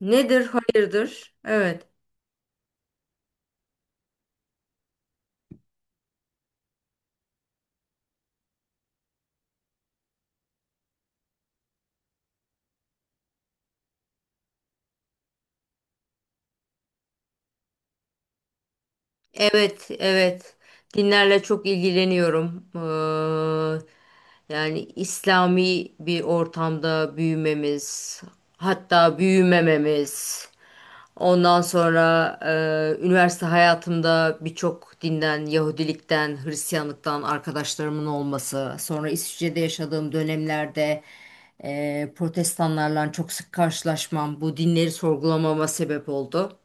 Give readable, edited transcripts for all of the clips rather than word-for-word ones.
Nedir hayırdır? Evet. Evet, evet. Dinlerle çok ilgileniyorum. Yani İslami bir ortamda büyümemiz, hatta büyümememiz. Ondan sonra üniversite hayatımda birçok dinden, Yahudilikten, Hristiyanlıktan arkadaşlarımın olması. Sonra İsviçre'de yaşadığım dönemlerde protestanlarla çok sık karşılaşmam bu dinleri sorgulamama sebep oldu.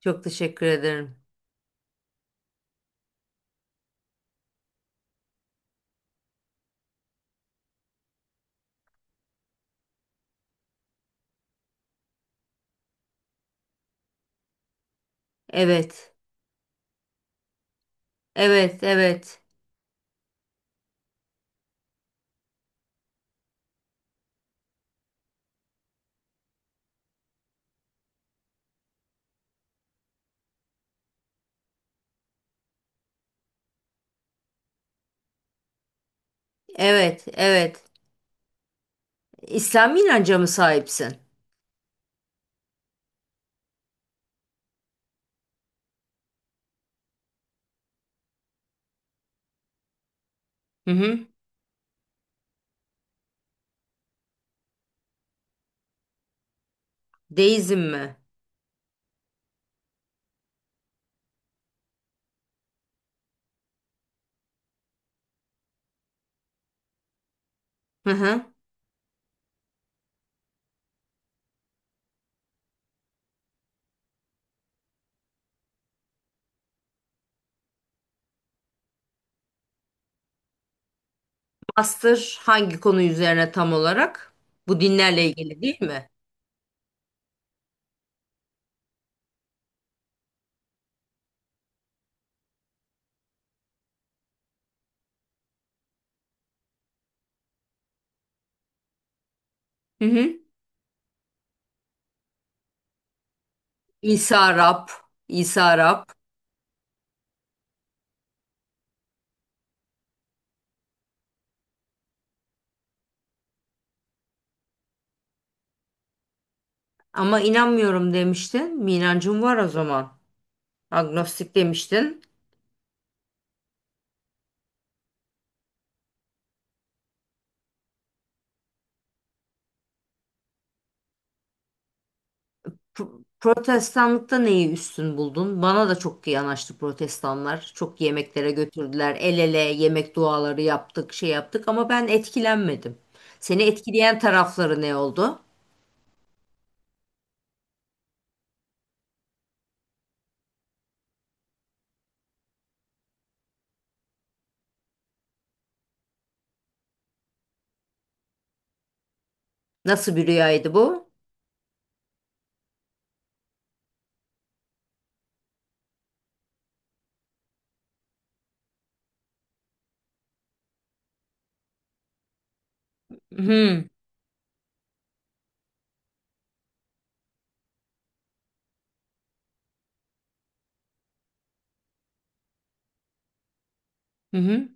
Çok teşekkür ederim. Evet, evet, evet, evet, evet. İslami inanca mı sahipsin? Hı hı. Deizm mi? Hı hı. Master hangi konu üzerine tam olarak? Bu dinlerle ilgili değil mi? Hı hı. İsa Rab, İsa Rab. Ama inanmıyorum demiştin. Bir inancın var o zaman. Agnostik demiştin. Protestanlıkta neyi üstün buldun? Bana da çok yanaştı protestanlar. Çok yemeklere götürdüler. El ele yemek duaları yaptık, şey yaptık ama ben etkilenmedim. Seni etkileyen tarafları ne oldu? Nasıl bir rüyaydı bu? Hı hı. Hı.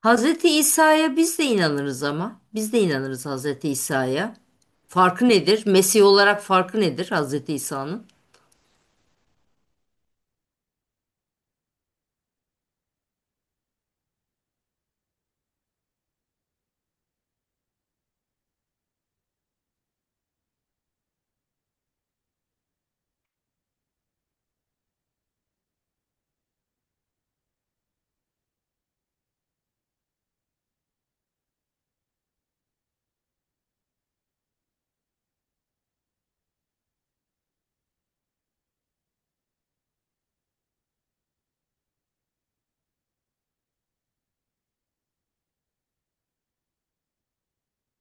Hazreti İsa'ya biz de inanırız ama. Biz de inanırız Hazreti İsa'ya. Farkı nedir? Mesih olarak farkı nedir Hazreti İsa'nın?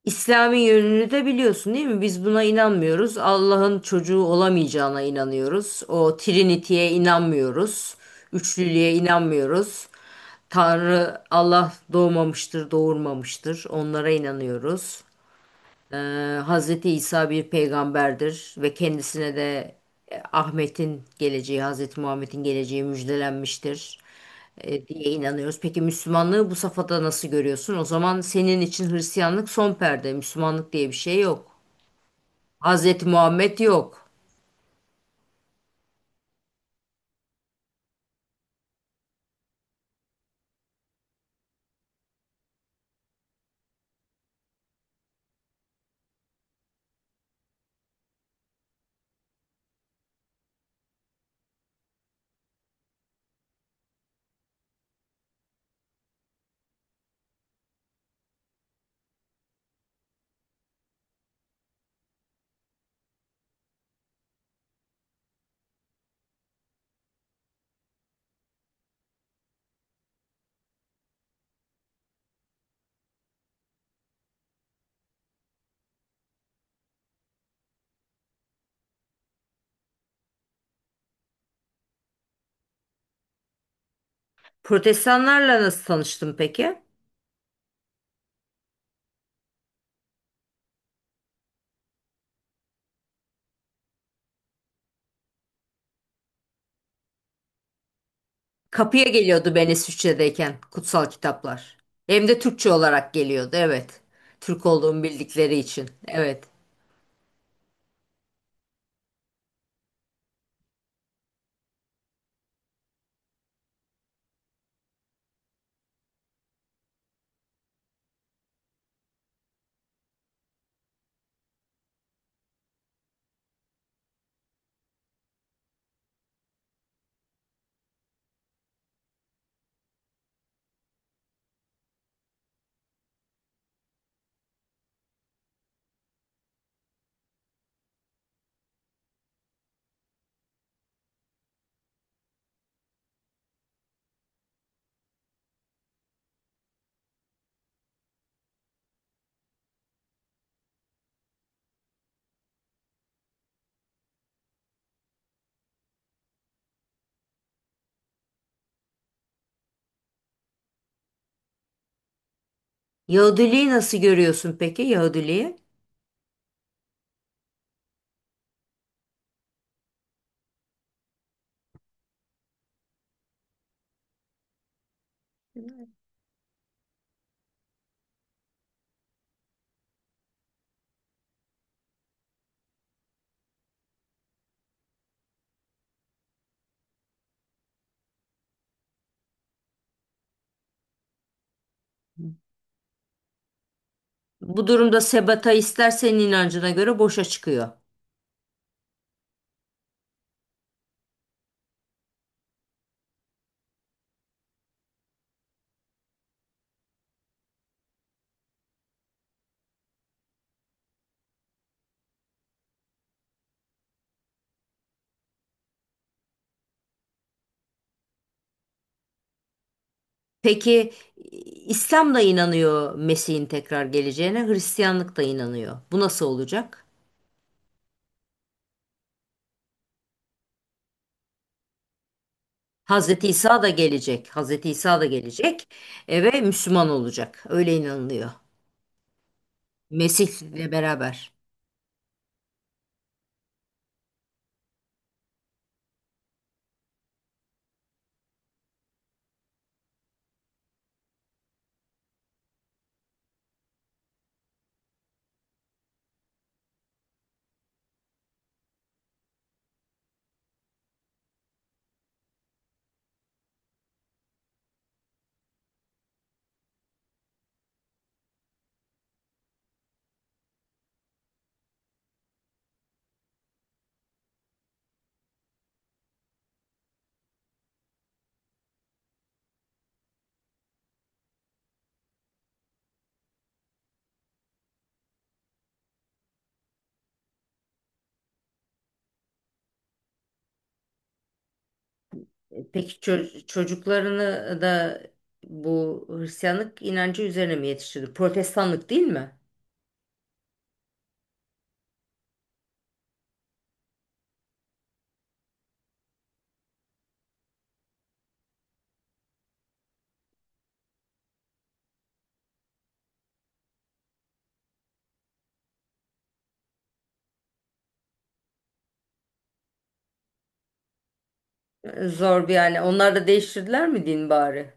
İslami yönünü de biliyorsun değil mi? Biz buna inanmıyoruz. Allah'ın çocuğu olamayacağına inanıyoruz. O Trinity'ye inanmıyoruz. Üçlülüğe inanmıyoruz. Tanrı Allah doğmamıştır, doğurmamıştır. Onlara inanıyoruz. Hazreti İsa bir peygamberdir ve kendisine de Ahmet'in geleceği, Hazreti Muhammed'in geleceği müjdelenmiştir diye inanıyoruz. Peki Müslümanlığı bu safhada nasıl görüyorsun? O zaman senin için Hristiyanlık son perde, Müslümanlık diye bir şey yok. Hazreti Muhammed yok. Protestanlarla nasıl tanıştın peki? Kapıya geliyordu ben İsviçre'deyken kutsal kitaplar. Hem de Türkçe olarak geliyordu, evet. Türk olduğumu bildikleri için, evet. Yahudiliği nasıl görüyorsun peki Yahudiliği? Bu durumda sebata ister senin inancına göre boşa çıkıyor. Peki İslam da inanıyor Mesih'in tekrar geleceğine, Hristiyanlık da inanıyor. Bu nasıl olacak? Hazreti İsa da gelecek. Hazreti İsa da gelecek ve Müslüman olacak. Öyle inanılıyor. Mesih'le beraber. Peki çocuklarını da bu Hristiyanlık inancı üzerine mi yetiştirdi? Protestanlık değil mi? Zor bir yani. Onlar da değiştirdiler mi din bari?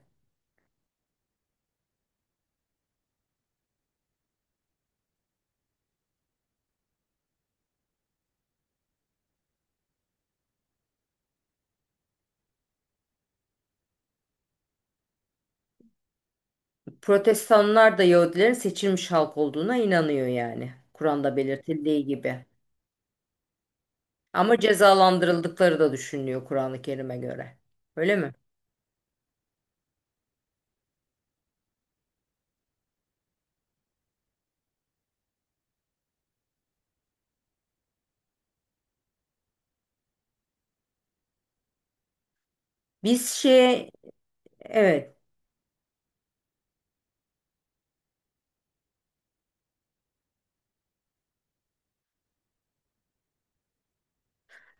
Protestanlar da Yahudilerin seçilmiş halk olduğuna inanıyor yani. Kur'an'da belirtildiği gibi. Ama cezalandırıldıkları da düşünülüyor Kur'an-ı Kerim'e göre. Öyle mi? Biz şey, evet.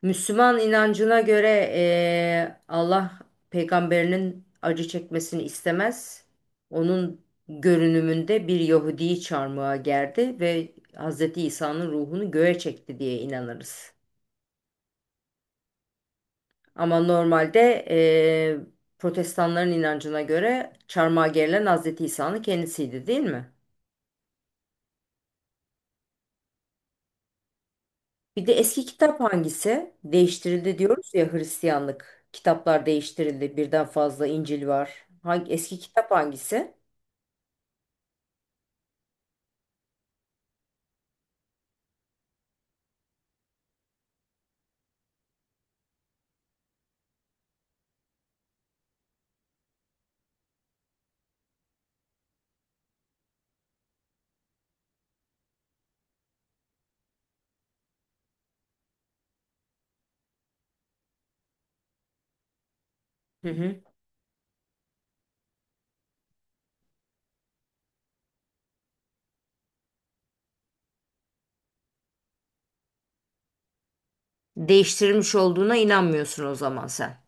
Müslüman inancına göre Allah peygamberinin acı çekmesini istemez. Onun görünümünde bir Yahudi'yi çarmıha gerdi ve Hz. İsa'nın ruhunu göğe çekti diye inanırız. Ama normalde eee, protestanların inancına göre çarmıha gerilen Hazreti İsa'nın kendisiydi değil mi? Bir de eski kitap hangisi? Değiştirildi diyoruz ya Hristiyanlık. Kitaplar değiştirildi. Birden fazla İncil var. Hangi, eski kitap hangisi? Hı hı. Değiştirilmiş olduğuna inanmıyorsun o zaman sen.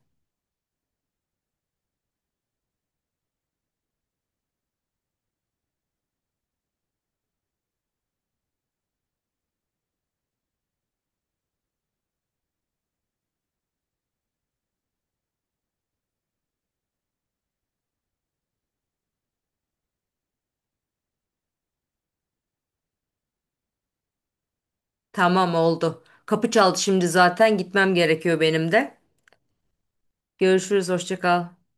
Tamam oldu. Kapı çaldı şimdi zaten gitmem gerekiyor benim de. Görüşürüz, hoşça kal.